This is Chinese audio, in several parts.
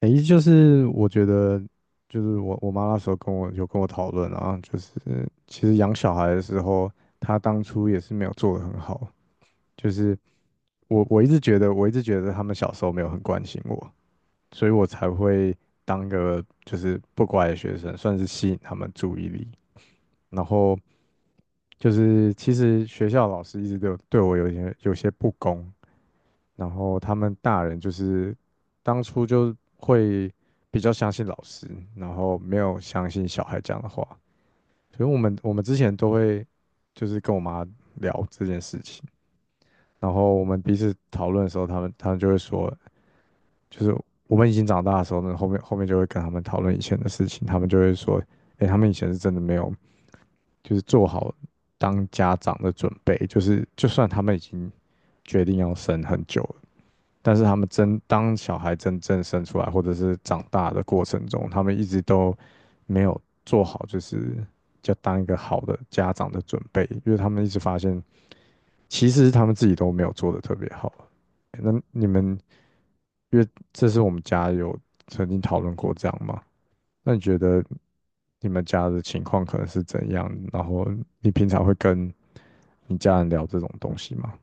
诶，就是我觉得，就是我妈那时候有跟我讨论啊，就是其实养小孩的时候，她当初也是没有做得很好，就是我一直觉得他们小时候没有很关心我，所以我才会当个就是不乖的学生，算是吸引他们注意力。然后就是其实学校老师一直都有对我有一些不公，然后他们大人就是当初就会比较相信老师，然后没有相信小孩讲的话。所以我们之前都会就是跟我妈聊这件事情，然后我们彼此讨论的时候，他们就会说，就是我们已经长大的时候呢，后面就会跟他们讨论以前的事情，他们就会说，哎，他们以前是真的没有，就是做好当家长的准备，就是就算他们已经决定要生很久了，但是他们当小孩真正生出来，或者是长大的过程中，他们一直都没有做好，就是要当一个好的家长的准备，因为他们一直发现，其实他们自己都没有做的特别好。那你们，因为这是我们家有曾经讨论过这样吗？那你觉得你们家的情况可能是怎样？然后你平常会跟你家人聊这种东西吗？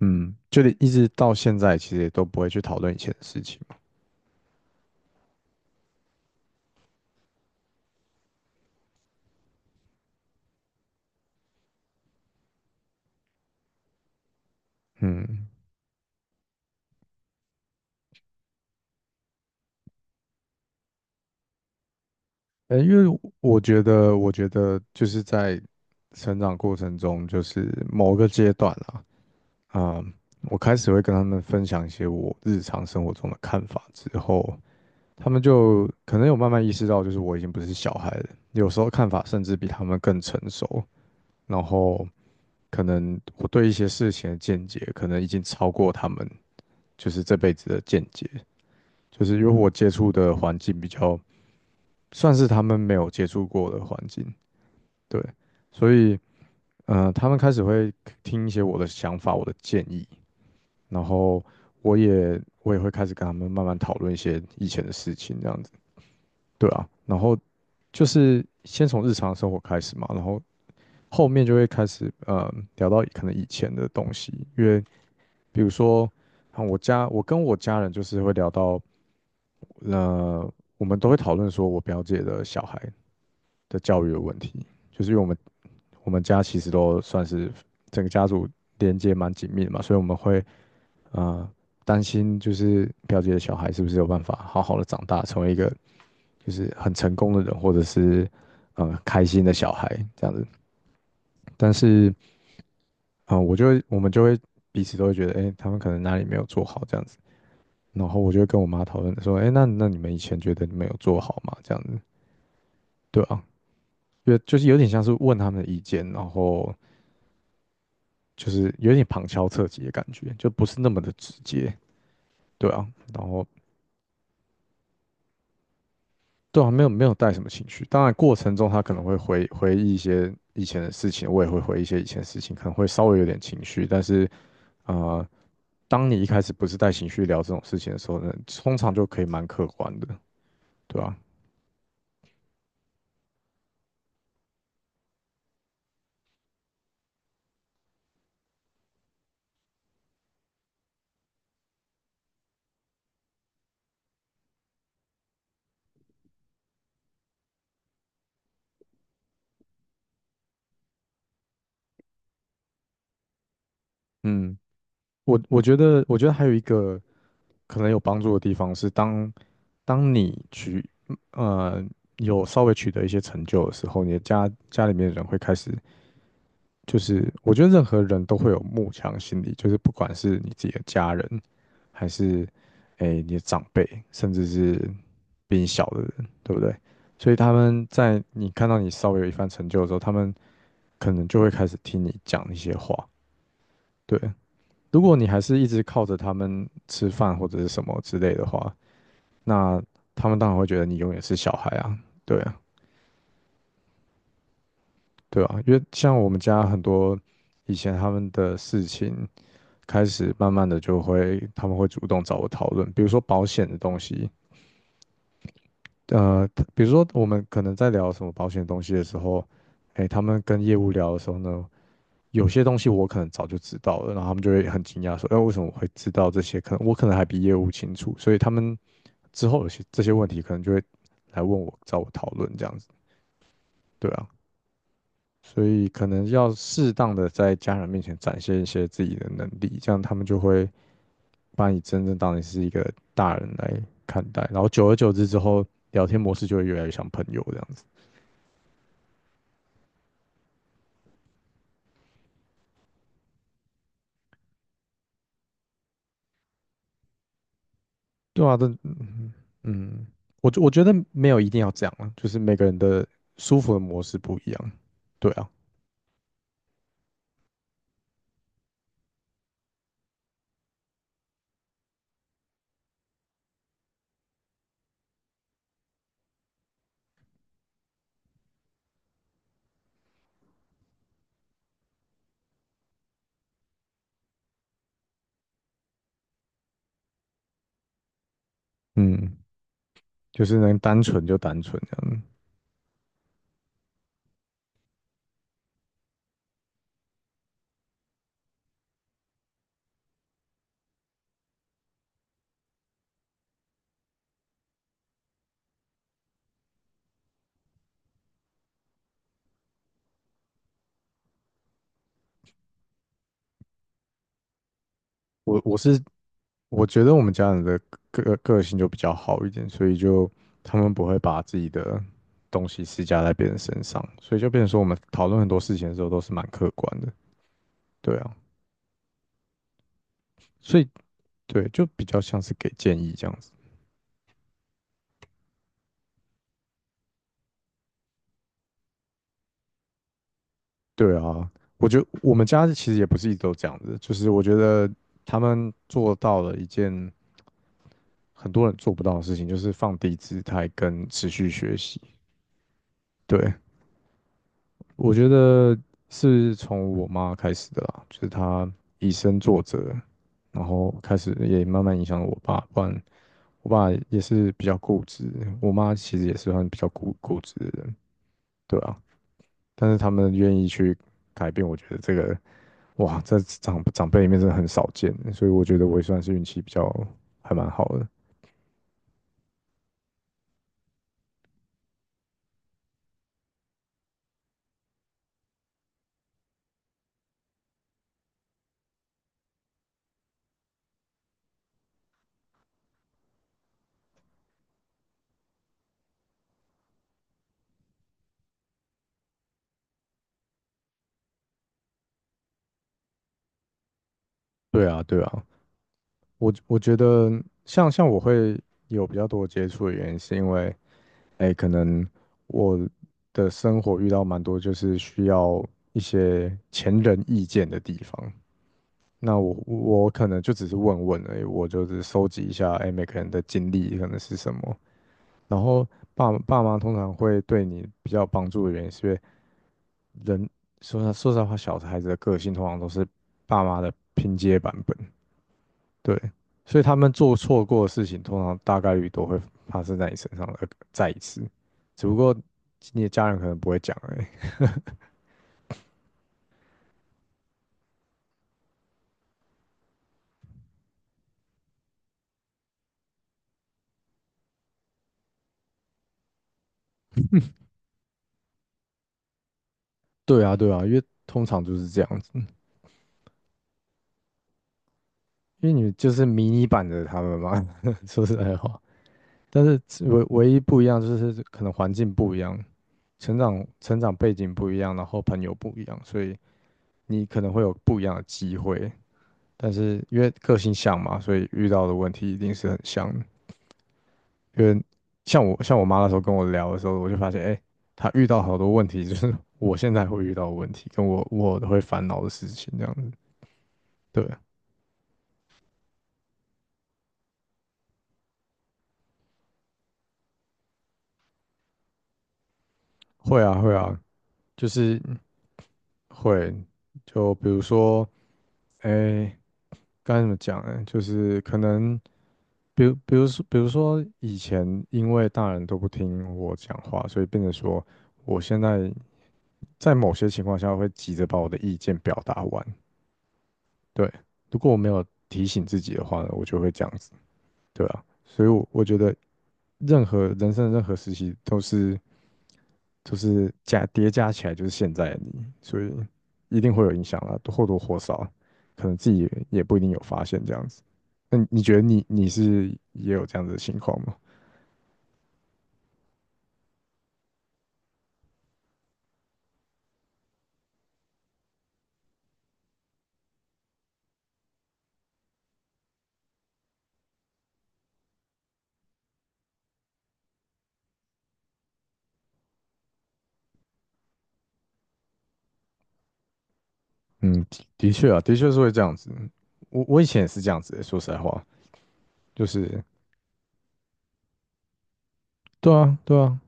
嗯，就连一直到现在，其实也都不会去讨论以前的事情嘛。嗯，因为我觉得，就是在成长过程中，就是某个阶段啦，啊、我开始会跟他们分享一些我日常生活中的看法之后，他们就可能有慢慢意识到，就是我已经不是小孩了，有时候看法甚至比他们更成熟，然后可能我对一些事情的见解，可能已经超过他们就是这辈子的见解。就是因为我接触的环境比较算是他们没有接触过的环境，对，所以他们开始会听一些我的想法、我的建议，然后我也会开始跟他们慢慢讨论一些以前的事情，这样子，对啊，然后就是先从日常生活开始嘛，然后后面就会开始聊到可能以前的东西，因为比如说啊，我跟我家人就是会聊到那我们都会讨论说我表姐的小孩的教育的问题，就是因为我们家其实都算是整个家族连接蛮紧密的嘛，所以我们会呃担心就是表姐的小孩是不是有办法好好的长大，成为一个就是很成功的人，或者是开心的小孩这样子。但是我们就会彼此都会觉得，哎，他们可能哪里没有做好这样子。然后我就会跟我妈讨论说，哎，那你们以前觉得你们有做好吗？这样子，对啊，有就是有点像是问他们的意见，然后就是有点旁敲侧击的感觉，就不是那么的直接，对啊，然后对啊，没有没有带什么情绪，当然过程中他可能会回忆一些以前的事情，我也会回忆一些以前的事情，可能会稍微有点情绪，但是啊，当你一开始不是带情绪聊这种事情的时候呢，通常就可以蛮客观的，对啊，嗯。我觉得还有一个可能有帮助的地方是当，当你呃有稍微取得一些成就的时候，你的家里面的人会开始，就是我觉得任何人都会有慕强心理，就是不管是你自己的家人，还是你的长辈，甚至是比你小的人，对不对？所以他们在你看到你稍微有一番成就的时候，他们可能就会开始听你讲一些话，对。如果你还是一直靠着他们吃饭或者是什么之类的话，那他们当然会觉得你永远是小孩啊，对啊，对啊，因为像我们家很多以前他们的事情，开始慢慢的就会他们会主动找我讨论，比如说保险的东西，呃，比如说我们可能在聊什么保险的东西的时候，哎，他们跟业务聊的时候呢。有些东西我可能早就知道了，然后他们就会很惊讶说："哎，为什么我会知道这些？我可能还比业务清楚。"所以他们之后有些这些问题可能就会来问我，找我讨论这样子，对啊，所以可能要适当的在家人面前展现一些自己的能力，这样他们就会把你真正当你是一个大人来看待，然后久而久之之后，聊天模式就会越来越像朋友这样子，对啊，这嗯嗯，我觉得没有一定要这样啊，就是每个人的舒服的模式不一样，对啊，嗯，就是能单纯就单纯这样，我我是我觉得我们家人的个性就比较好一点，所以就他们不会把自己的东西施加在别人身上，所以就变成说我们讨论很多事情的时候都是蛮客观的，对啊，所以对，就比较像是给建议这样子，对啊，我觉得我们家其实也不是一直都这样子，就是我觉得他们做到了一件很多人做不到的事情，就是放低姿态跟持续学习，对，我觉得是从我妈开始的啦，就是她以身作则，然后开始也慢慢影响了我爸。不然我爸也是比较固执，我妈其实也是算比较固执的人，对啊。但是他们愿意去改变，我觉得这个哇，在长辈里面真的很少见，所以我觉得我也算是运气比较还蛮好的。对啊，对啊。我觉得像我会有比较多接触的原因，是因为，哎，可能我的生活遇到蛮多就是需要一些前人意见的地方。那我我可能就只是问问而已，我就是收集一下，哎，每个人的经历可能是什么。然后爸爸妈通常会对你比较有帮助的原因，是因为人说实话，小孩子的个性通常都是爸妈的拼接版本。对，所以他们做错过的事情，通常大概率都会发生在你身上的再一次，只不过你的家人可能不会讲而已。对啊，对啊，因为通常就是这样子，因为你就是迷你版的他们嘛，说实在话。但是唯一不一样就是可能环境不一样，成长背景不一样，然后朋友不一样，所以你可能会有不一样的机会。但是因为个性像嘛，所以遇到的问题一定是很像的。因为像我妈那时候跟我聊的时候，我就发现，哎，她遇到好多问题，就是我现在会遇到的问题，跟我我会烦恼的事情这样子。对，会啊会啊，就是会，就比如说，哎，该怎么讲呢？就是可能，比如说以前因为大人都不听我讲话，所以变成说，我现在在某些情况下会急着把我的意见表达完。对，如果我没有提醒自己的话呢，我就会这样子。对啊，所以我觉得任何人生的任何时期都是就是叠加起来就是现在的你，所以一定会有影响啦，或多或少，可能自己也不一定有发现这样子。那你觉得你是也有这样子的情况吗？嗯，的确啊，的确是会这样子。我以前也是这样子的，说实在话，就是对啊，对啊，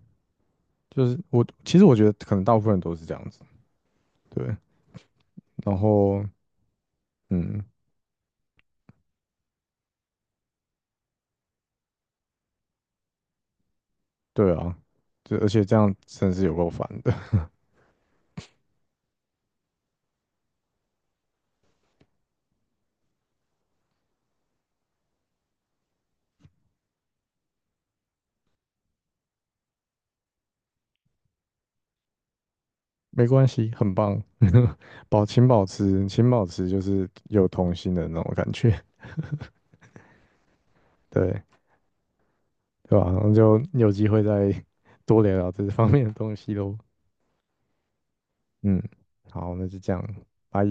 就是我其实我觉得可能大部分人都是这样子，对。然后嗯，对啊，这而且这样真是有够烦的。没关系，很棒，请保持，请保持就是有童心的那种感觉，对吧,那就有机会再多聊聊这方面的东西喽。嗯，好，那就这样，拜。